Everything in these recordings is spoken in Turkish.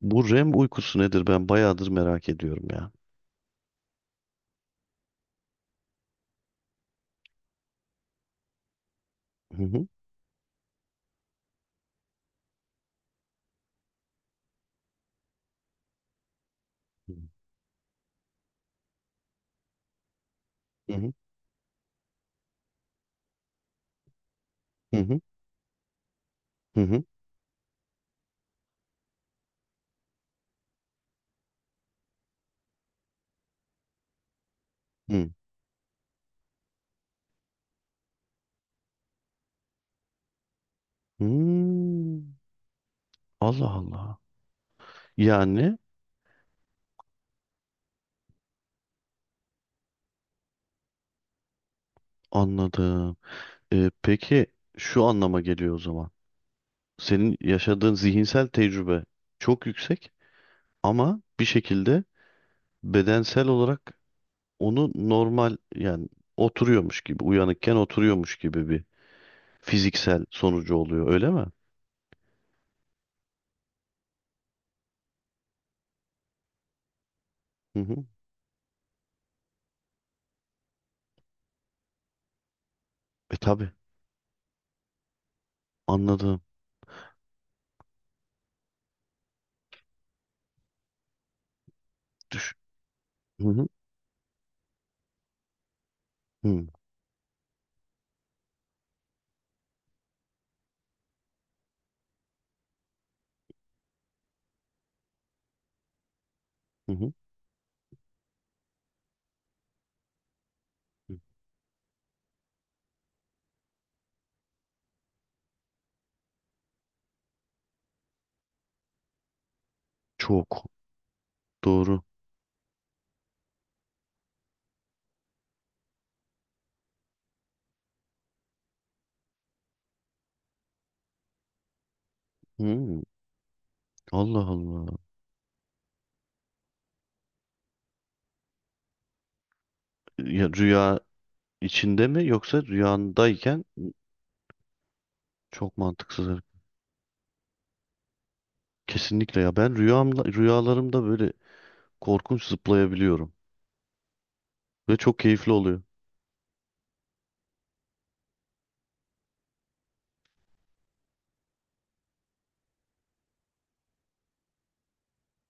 Bu REM uykusu nedir? Ben bayağıdır merak ediyorum ya. Hı hı. Hı hı. Hı hı. Hı hı. Hı. Hmm. Allah Allah. Yani anladım. Peki şu anlama geliyor o zaman. Senin yaşadığın zihinsel tecrübe çok yüksek, ama bir şekilde bedensel olarak onu normal, yani oturuyormuş gibi, uyanıkken oturuyormuş gibi bir fiziksel sonucu oluyor, öyle mi? Hı hı. E tabii, anladım. Düş. Hı hı. Hı hı. Çok doğru. Hmm, Allah Allah. Ya, rüya içinde mi yoksa rüyandayken çok mantıksız. Evet. Kesinlikle ya, ben rüyamda, rüyalarımda böyle korkunç zıplayabiliyorum ve çok keyifli oluyor.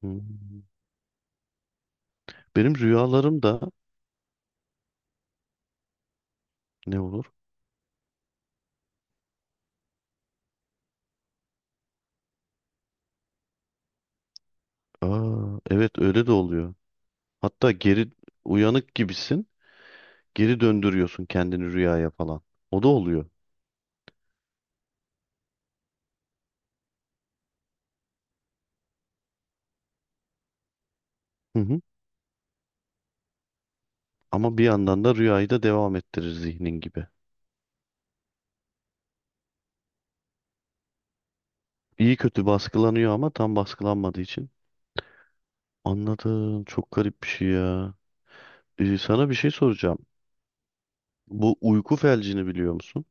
Hmm. Benim rüyalarım da ne olur? Aa, evet, öyle de oluyor. Hatta geri, uyanık gibisin, geri döndürüyorsun kendini rüyaya falan. O da oluyor. Hı hı. Ama bir yandan da rüyayı da devam ettirir zihnin gibi. İyi kötü baskılanıyor ama tam baskılanmadığı için. Anladım. Çok garip bir şey ya. Sana bir şey soracağım. Bu uyku felcini biliyor musun?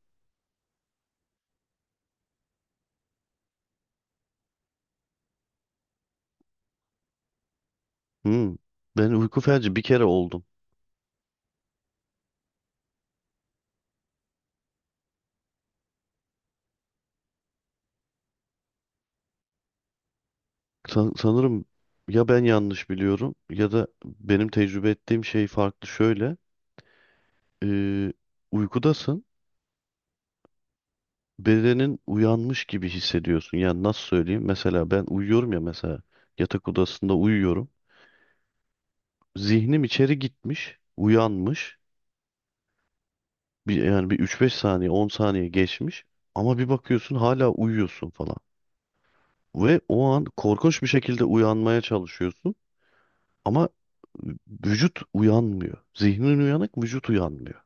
Hmm. Ben uyku felci bir kere oldum. Sanırım, ya ben yanlış biliyorum ya da benim tecrübe ettiğim şey farklı, şöyle. Ee, Uykudasın. Bedenin uyanmış gibi hissediyorsun. Yani nasıl söyleyeyim? Mesela ben uyuyorum ya, mesela yatak odasında uyuyorum. Zihnim içeri gitmiş, uyanmış. Bir, yani bir üç beş saniye, 10 saniye geçmiş ama bir bakıyorsun hala uyuyorsun falan. Ve o an korkunç bir şekilde uyanmaya çalışıyorsun ama vücut uyanmıyor. Zihnin uyanık, vücut uyanmıyor.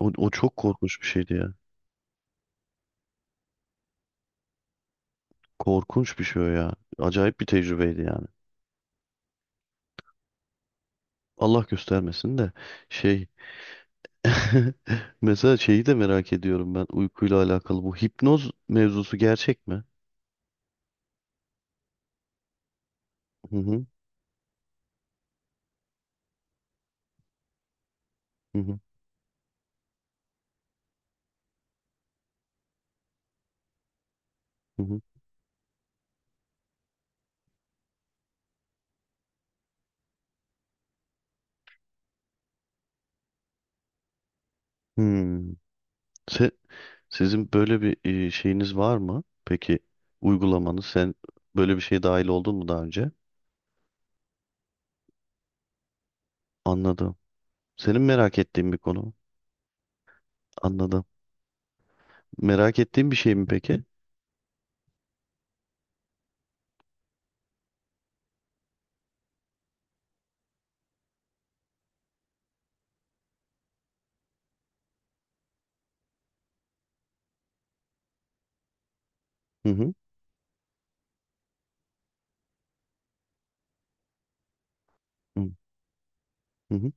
O çok korkunç bir şeydi ya. Korkunç bir şey o ya. Acayip bir tecrübeydi yani. Allah göstermesin de, şey, mesela şeyi de merak ediyorum, ben uykuyla alakalı, bu hipnoz mevzusu gerçek mi? Hı hı, hı hı, hı hı. Hmm. Se- Sizin böyle bir, şeyiniz var mı peki? Uygulamanız, sen böyle bir şeye dahil oldun mu daha önce? Anladım. Senin merak ettiğin bir konu. Anladım. Merak ettiğin bir şey mi peki? Hı hı. Hı hı. Hı.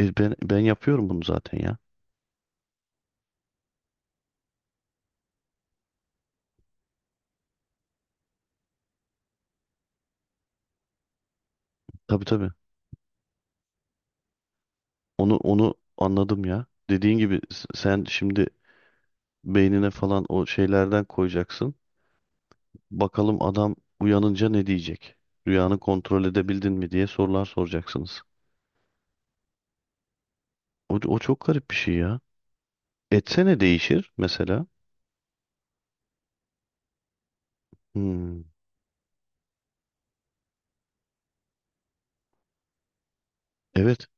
Ben yapıyorum bunu zaten ya. Tabii tabii. Onu anladım ya. Dediğin gibi, sen şimdi beynine falan o şeylerden koyacaksın. Bakalım, adam uyanınca ne diyecek? Rüyanı kontrol edebildin mi diye sorular soracaksınız. O çok garip bir şey ya. Etse ne değişir mesela? Hmm, evet,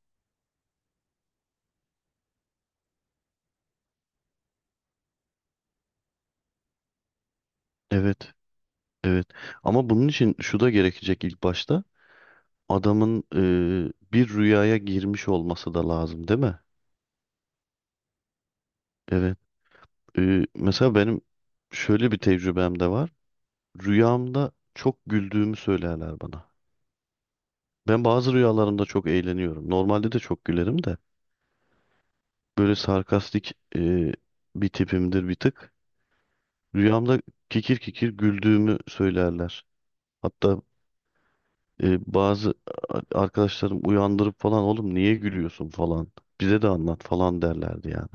evet, evet. Ama bunun için şu da gerekecek ilk başta. Adamın, bir rüyaya girmiş olması da lazım, değil mi? Evet. Mesela benim şöyle bir tecrübem de var. Rüyamda çok güldüğümü söylerler bana. Ben bazı rüyalarımda çok eğleniyorum. Normalde de çok gülerim de. Böyle sarkastik bir tipimdir bir tık. Rüyamda kikir kikir güldüğümü söylerler. Hatta bazı arkadaşlarım uyandırıp falan, oğlum niye gülüyorsun falan. Bize de anlat falan derlerdi yani.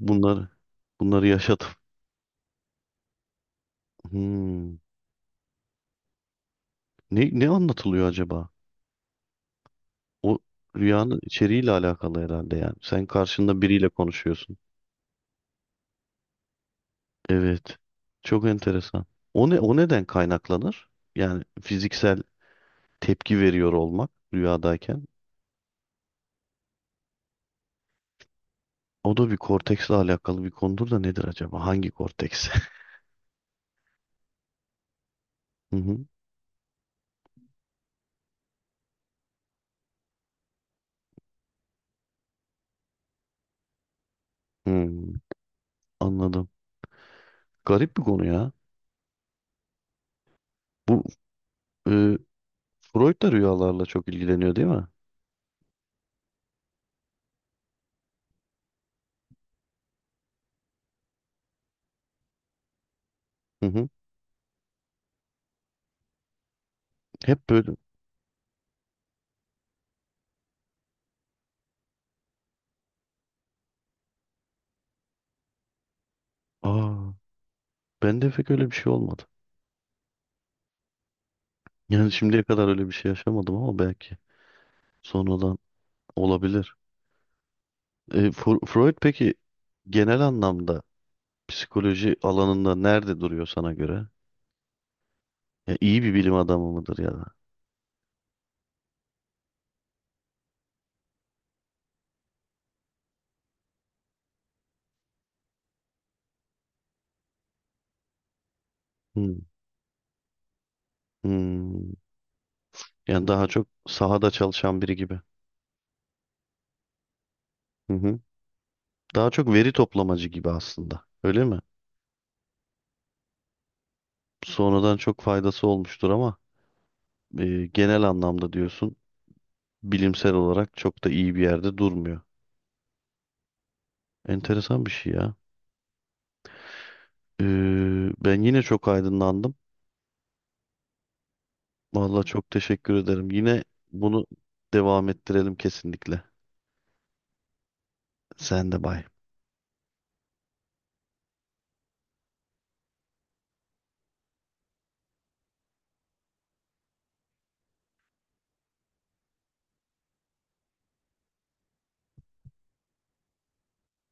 Bunları bunları yaşadım. Hmm. Ne anlatılıyor acaba? O rüyanın içeriğiyle alakalı herhalde yani. Sen karşında biriyle konuşuyorsun. Evet. Çok enteresan. O neden kaynaklanır? Yani fiziksel tepki veriyor olmak rüyadayken. O da bir korteksle alakalı bir konudur da nedir acaba? Hangi korteks? Hı hı. Hmm, anladım. Garip bir konu ya. Bu, e, Freud da rüyalarla çok ilgileniyor değil mi? Hı hı. Hep böyle. Aa, ben de pek öyle bir şey olmadı. Yani şimdiye kadar öyle bir şey yaşamadım ama belki sonradan olabilir. Freud peki, genel anlamda psikoloji alanında nerede duruyor sana göre? Ya, iyi bir bilim adamı mıdır ya da? Hmm. Hmm. Yani daha çok sahada çalışan biri gibi. Hı hı. Daha çok veri toplamacı gibi aslında, öyle mi? Sonradan çok faydası olmuştur ama, genel anlamda diyorsun bilimsel olarak çok da iyi bir yerde durmuyor. Enteresan bir şey ya. Ben yine çok aydınlandım. Vallahi çok teşekkür ederim. Yine bunu devam ettirelim kesinlikle. Sen de bay.